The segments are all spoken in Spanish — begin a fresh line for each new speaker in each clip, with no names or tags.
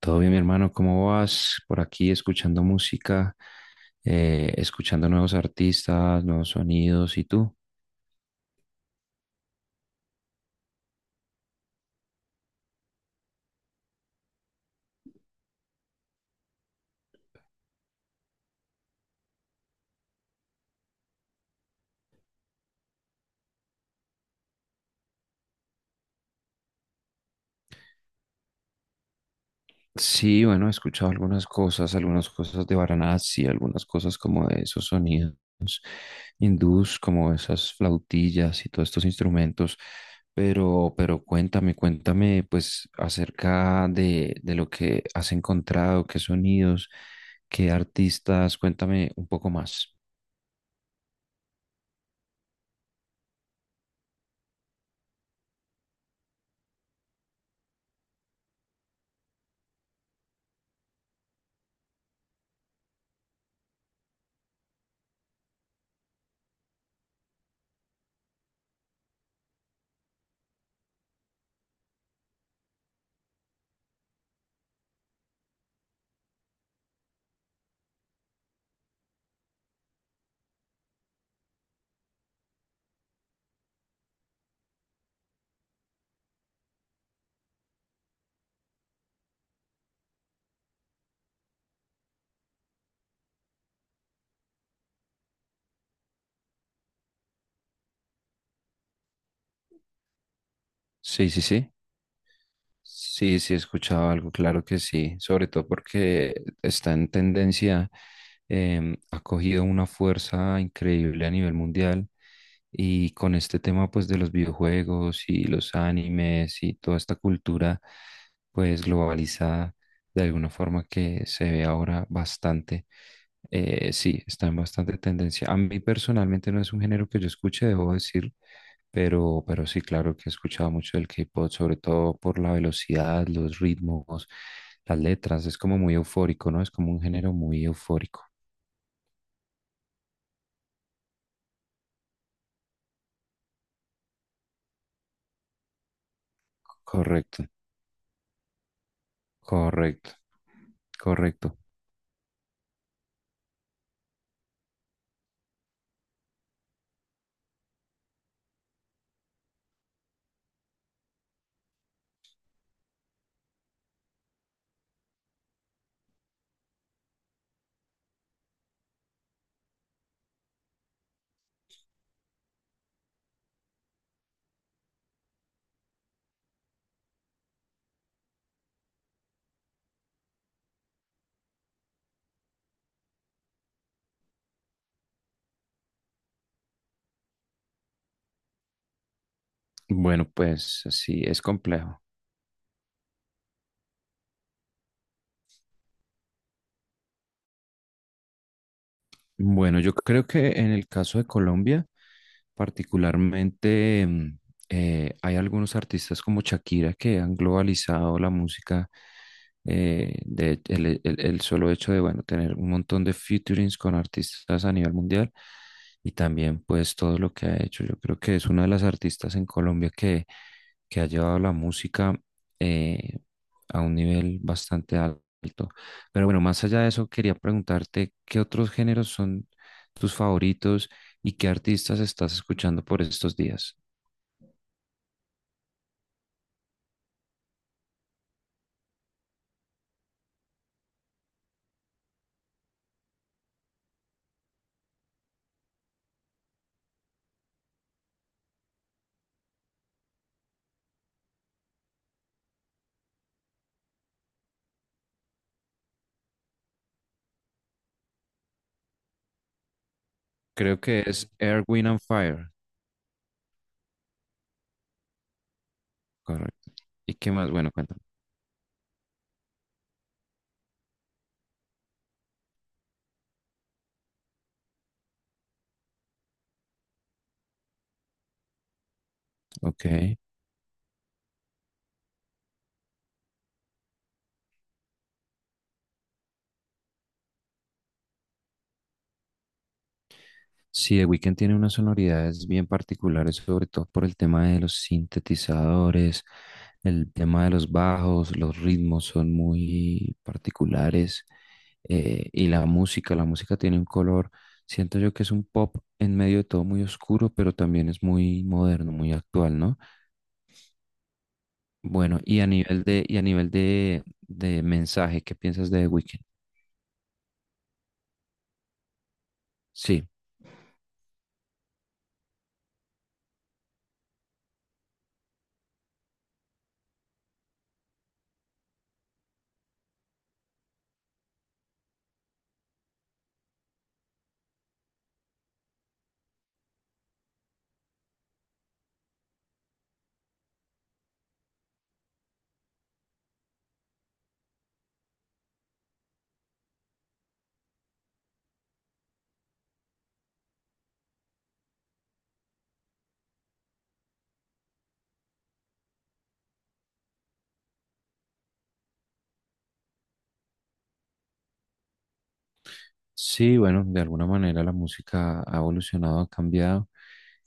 Todo bien, mi hermano, ¿cómo vas? Por aquí escuchando música, escuchando nuevos artistas, nuevos sonidos, ¿y tú? Sí, bueno, he escuchado algunas cosas de Varanasi, algunas cosas como de esos sonidos hindús, como esas flautillas y todos estos instrumentos, pero cuéntame, cuéntame pues acerca de lo que has encontrado, qué sonidos, qué artistas, cuéntame un poco más. Sí, sí, sí. Sí, sí he escuchado algo, claro que sí, sobre todo porque está en tendencia, ha cogido una fuerza increíble a nivel mundial y con este tema pues de los videojuegos y los animes y toda esta cultura pues globalizada de alguna forma que se ve ahora bastante, sí, está en bastante tendencia. A mí personalmente no es un género que yo escuche, debo decir, pero sí, claro que he escuchado mucho del K-pop, sobre todo por la velocidad, los ritmos, las letras. Es como muy eufórico, ¿no? Es como un género muy eufórico. Correcto, correcto, correcto. Bueno, pues sí, es complejo. Bueno, yo creo que en el caso de Colombia, particularmente, hay algunos artistas como Shakira que han globalizado la música. De, el, e, el- el solo hecho de, bueno, tener un montón de featurings con artistas a nivel mundial y también pues todo lo que ha hecho. Yo creo que es una de las artistas en Colombia que ha llevado la música eh, a un nivel bastante alto. Pero bueno, más allá de eso, quería preguntarte qué otros géneros son tus favoritos y qué artistas estás escuchando por estos días. Creo que es Air, Wind and Fire, correcto. ¿Y qué más? Bueno, cuéntame. Ok. Sí, The Weeknd tiene unas sonoridades bien particulares, sobre todo por el tema de los sintetizadores, el tema de los bajos, los ritmos son muy particulares, y la música tiene un color, siento yo que es un pop en medio de todo muy oscuro, pero también es muy moderno, muy actual, ¿no? Bueno, y a nivel de, y a nivel de mensaje, ¿qué piensas de The Weeknd? Sí. Sí, bueno, de alguna manera la música ha evolucionado, ha cambiado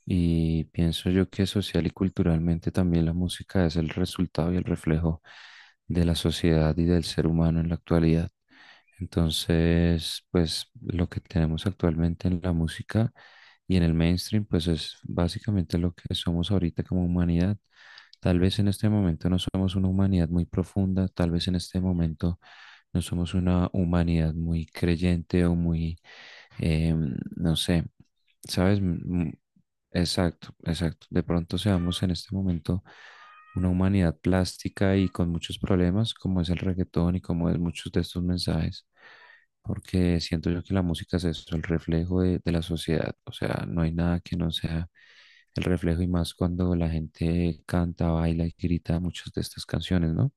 y pienso yo que social y culturalmente también la música es el resultado y el reflejo de la sociedad y del ser humano en la actualidad. Entonces, pues lo que tenemos actualmente en la música y en el mainstream, pues es básicamente lo que somos ahorita como humanidad. Tal vez en este momento no somos una humanidad muy profunda, tal vez en este momento no somos una humanidad muy creyente o muy, eh, no sé, ¿sabes? Mm, exacto, exacto. De pronto seamos en este momento una humanidad plástica y con muchos problemas, como es el reggaetón y como es muchos de estos mensajes, porque siento yo que la música es eso, el reflejo de la sociedad. O sea, no hay nada que no sea el reflejo y más cuando la gente canta, baila y grita muchas de estas canciones, ¿no?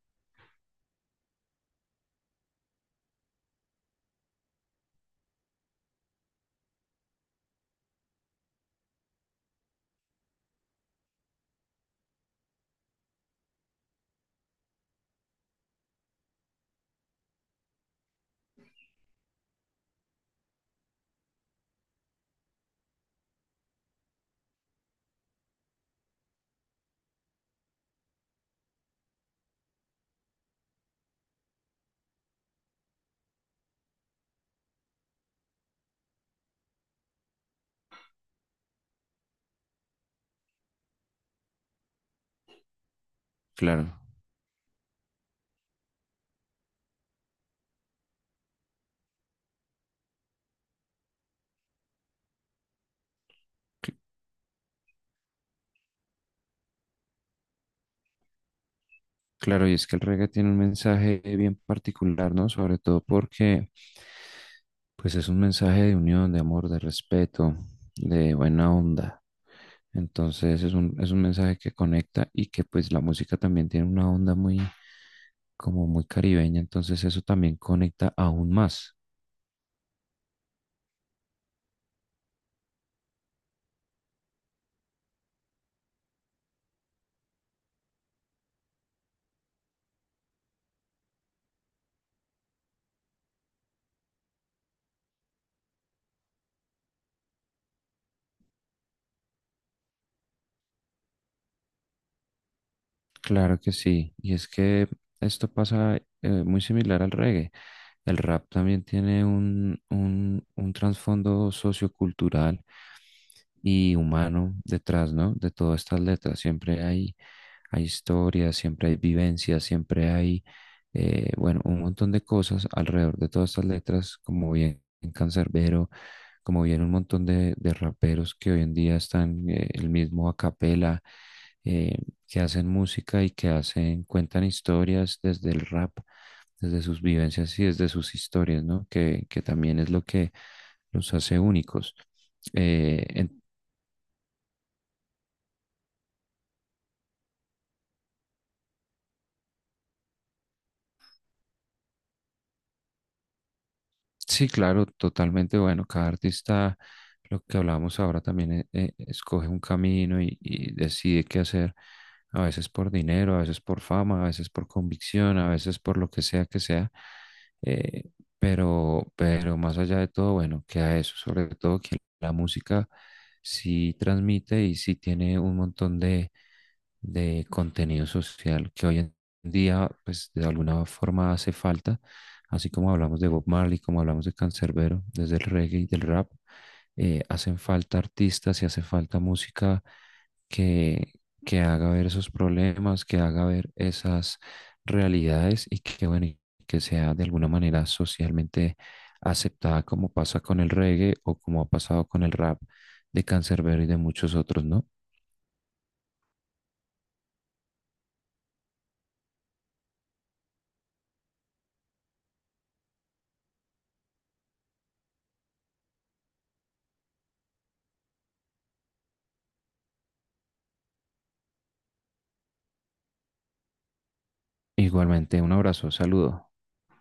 Claro. Claro, y es que el reggae tiene un mensaje bien particular, ¿no? Sobre todo porque pues es un mensaje de unión, de amor, de respeto, de buena onda. Entonces es un mensaje que conecta y que pues la música también tiene una onda muy como muy caribeña, entonces eso también conecta aún más. Claro que sí, y es que esto pasa muy similar al reggae. El rap también tiene un trasfondo sociocultural y humano detrás, ¿no? De todas estas letras. Siempre hay, hay historias, siempre hay vivencias, siempre hay, bueno, un montón de cosas alrededor de todas estas letras, como bien Cancerbero, como bien un montón de raperos que hoy en día están, el mismo a capela, eh, que hacen música y que hacen, cuentan historias desde el rap, desde sus vivencias y desde sus historias, ¿no? Que también es lo que los hace únicos. Eh, en- Sí, claro, totalmente. Bueno, cada artista, lo que hablábamos ahora también, escoge un camino y decide qué hacer, a veces por dinero, a veces por fama, a veces por convicción, a veces por lo que sea que sea. eh, pero más allá de todo, bueno, queda eso, sobre todo que la música sí transmite y sí tiene un montón de contenido social que hoy en día, pues de alguna forma hace falta. Así como hablamos de Bob Marley, como hablamos de Canserbero, desde el reggae y del rap, hacen falta artistas y hace falta música que, que haga ver esos problemas, que haga ver esas realidades y que, bueno, y que sea de alguna manera socialmente aceptada como pasa con el reggae o como ha pasado con el rap de Canserbero y de muchos otros, ¿no? Igualmente, un abrazo, saludo.